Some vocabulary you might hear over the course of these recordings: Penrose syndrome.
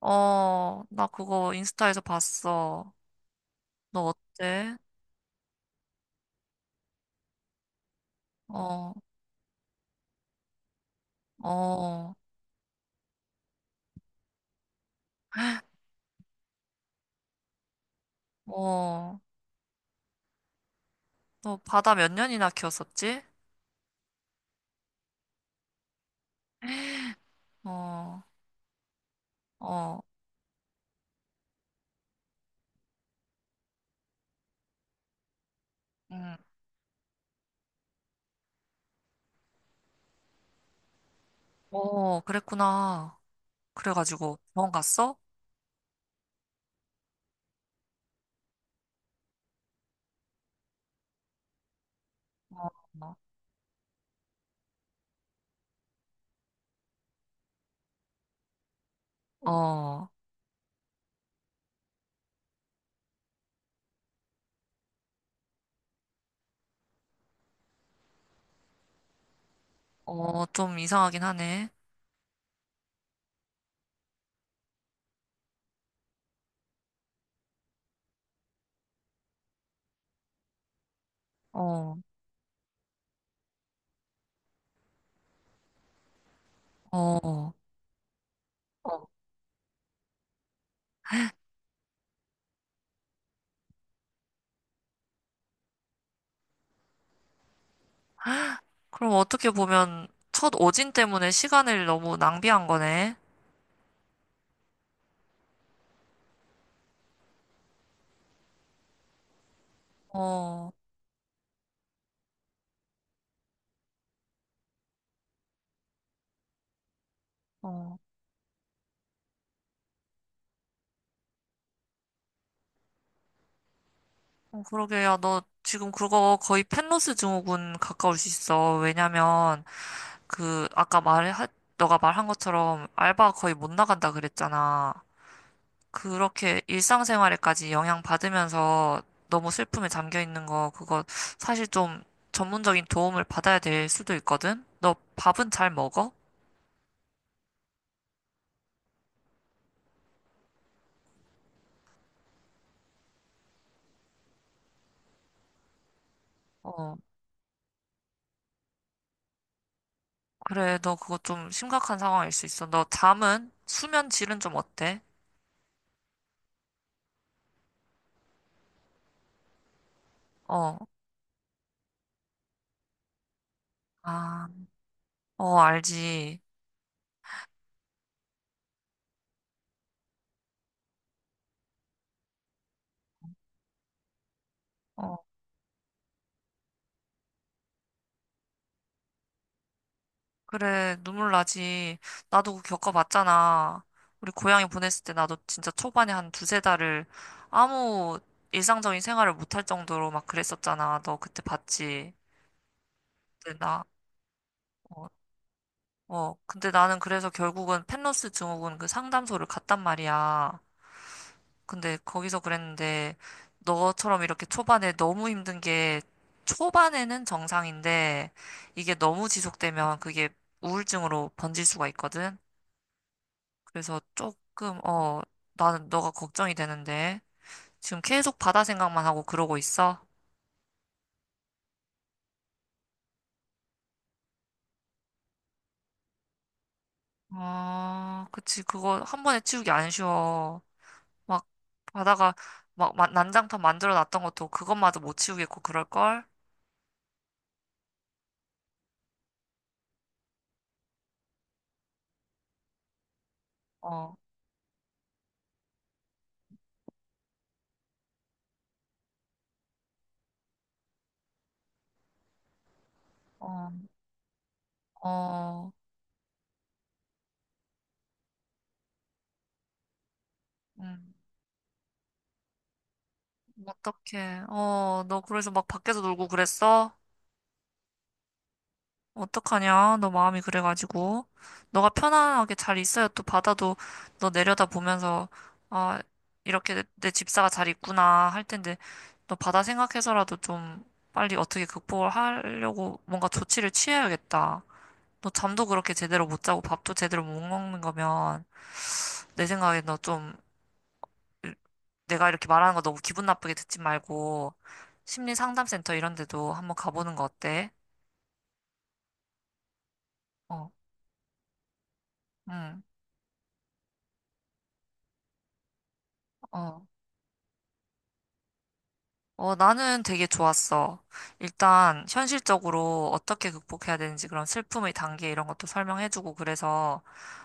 어, 나 그거 인스타에서 봤어. 너 어때? 어, 어, 어. 너 바다 몇 년이나 키웠었지? 어, 어, 응. 어, 그랬구나. 그래가지고 병원 갔어? 어, 어, 어, 좀 이상하긴 하네. 어, 어, 어. 그럼 어떻게 보면 첫 오진 때문에 시간을 너무 낭비한 거네. 어, 어. 어, 그러게, 야, 너 지금 그거 거의 펜로스 증후군 가까울 수 있어. 왜냐면, 그, 너가 말한 것처럼 알바 거의 못 나간다 그랬잖아. 그렇게 일상생활에까지 영향 받으면서 너무 슬픔에 잠겨 있는 거, 그거 사실 좀 전문적인 도움을 받아야 될 수도 있거든? 너 밥은 잘 먹어? 어, 그래, 너 그거 좀 심각한 상황일 수 있어. 너 잠은? 수면 질은 좀 어때? 어, 아, 어, 알지. 그래, 눈물 나지. 나도 그거 겪어봤잖아. 우리 고향에 보냈을 때 나도 진짜 초반에 한 두세 달을 아무 일상적인 생활을 못할 정도로 막 그랬었잖아. 너 그때 봤지? 근데 나, 어, 어. 근데 나는 그래서 결국은 펜로스 증후군 그 상담소를 갔단 말이야. 근데 거기서 그랬는데 너처럼 이렇게 초반에 너무 힘든 게 초반에는 정상인데 이게 너무 지속되면 그게 우울증으로 번질 수가 있거든. 그래서 조금, 어, 나는 너가 걱정이 되는데. 지금 계속 바다 생각만 하고 그러고 있어? 아, 그치. 그거 한 번에 치우기 안 쉬워. 막 바다가 막 난장판 만들어 놨던 것도 그것마저 못 치우겠고 그럴걸? 어, 어, 어, 음, 어떡해. 어, 너 그래서 막 밖에서 놀고 그랬어? 어떡하냐? 너 마음이 그래가지고. 너가 편안하게 잘 있어야 또 바다도 너 내려다 보면서, 아, 이렇게 내 집사가 잘 있구나 할 텐데, 너 바다 생각해서라도 좀 빨리 어떻게 극복을 하려고 뭔가 조치를 취해야겠다. 너 잠도 그렇게 제대로 못 자고 밥도 제대로 못 먹는 거면, 내 생각에 너 좀, 내가 이렇게 말하는 거 너무 기분 나쁘게 듣지 말고, 심리 상담센터 이런 데도 한번 가보는 거 어때? 어, 응, 어. 어, 나는 되게 좋았어. 일단, 현실적으로 어떻게 극복해야 되는지 그런 슬픔의 단계 이런 것도 설명해주고 그래서,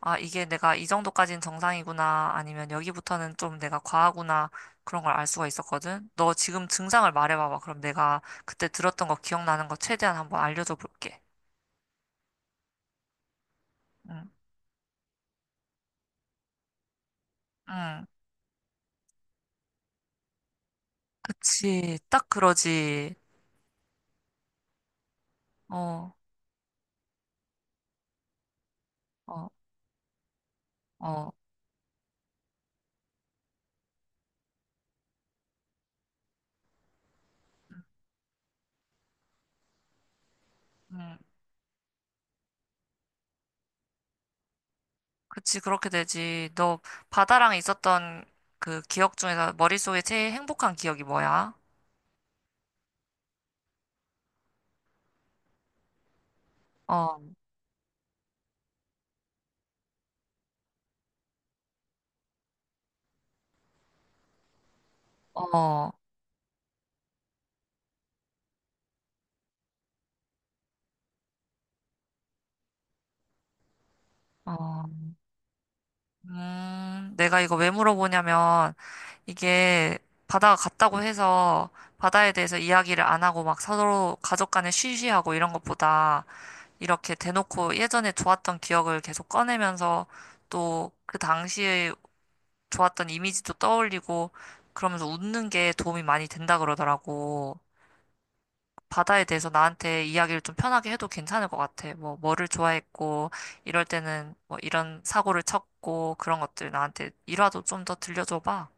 아, 이게 내가 이 정도까지는 정상이구나, 아니면 여기부터는 좀 내가 과하구나, 그런 걸 알 수가 있었거든. 너 지금 증상을 말해봐봐. 그럼 내가 그때 들었던 거 기억나는 거 최대한 한번 알려줘 볼게. 응, 응, 그치. 딱 그러지. 어, 어, 어. 응. 그치, 그렇게 되지. 너 바다랑 있었던 그 기억 중에서 머릿속에 제일 행복한 기억이 뭐야? 어, 어, 어. 내가 이거 왜 물어보냐면, 이게 바다가 같다고 해서 바다에 대해서 이야기를 안 하고 막 서로 가족 간에 쉬쉬하고 이런 것보다 이렇게 대놓고 예전에 좋았던 기억을 계속 꺼내면서 또 그 당시에 좋았던 이미지도 떠올리고 그러면서 웃는 게 도움이 많이 된다 그러더라고. 바다에 대해서 나한테 이야기를 좀 편하게 해도 괜찮을 것 같아. 뭐를 좋아했고, 이럴 때는 뭐 이런 사고를 쳤고, 그런 것들 나한테 일화도 좀 더 들려줘봐.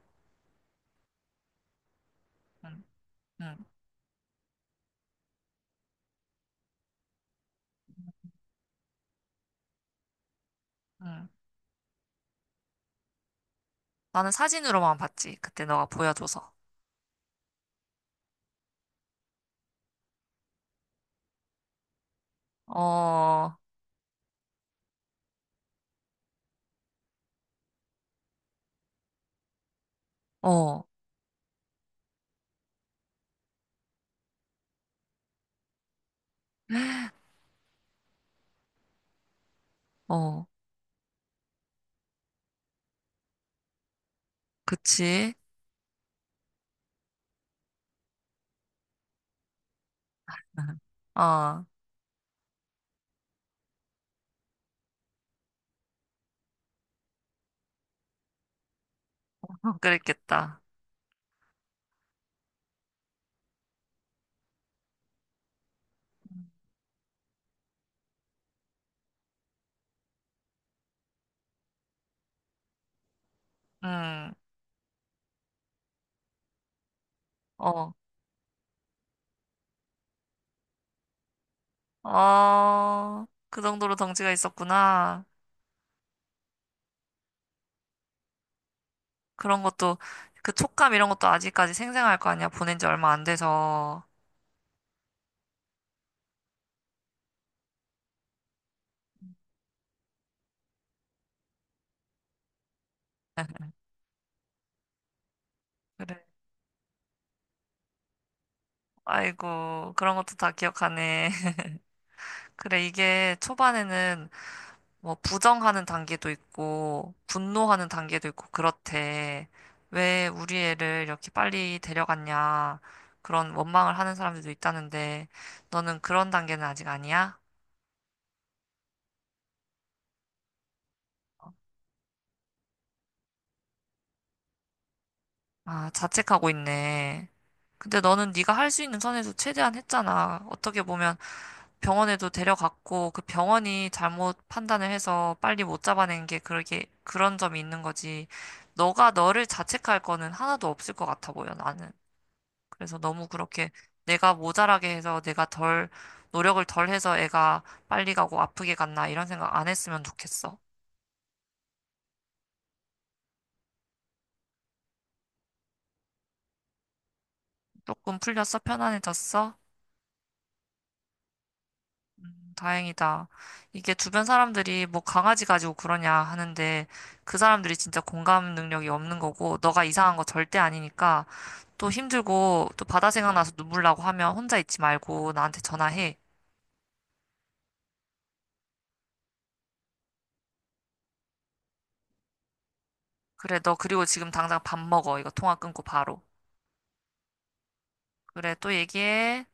응, 응, 응. 나는 사진으로만 봤지. 그때 너가 보여줘서. 어, 어, 어, 그치? 어, 그랬겠다. 응, 어, 어, 그 정도로 덩치가 있었구나. 그런 것도, 그 촉감 이런 것도 아직까지 생생할 거 아니야. 보낸 지 얼마 안 돼서. 그래. 아이고, 그런 것도 다 기억하네. 그래, 이게 초반에는 뭐 부정하는 단계도 있고, 분노하는 단계도 있고, 그렇대. 왜 우리 애를 이렇게 빨리 데려갔냐. 그런 원망을 하는 사람들도 있다는데, 너는 그런 단계는 아직 아니야? 아, 자책하고 있네. 근데 너는 네가 할 수 있는 선에서 최대한 했잖아. 어떻게 보면 병원에도 데려갔고 그 병원이 잘못 판단을 해서 빨리 못 잡아낸 게 그렇게 그런 점이 있는 거지. 너가 너를 자책할 거는 하나도 없을 것 같아 보여, 나는. 그래서 너무 그렇게 내가 모자라게 해서 내가 덜 노력을 덜 해서 애가 빨리 가고 아프게 갔나 이런 생각 안 했으면 좋겠어. 조금 풀렸어? 편안해졌어? 다행이다. 이게 주변 사람들이 뭐 강아지 가지고 그러냐 하는데 그 사람들이 진짜 공감 능력이 없는 거고 너가 이상한 거 절대 아니니까 또 힘들고 또 바다 생각나서 눈물 나고 하면 혼자 있지 말고 나한테 전화해. 그래, 너 그리고 지금 당장 밥 먹어. 이거 통화 끊고 바로. 그래, 또 얘기해.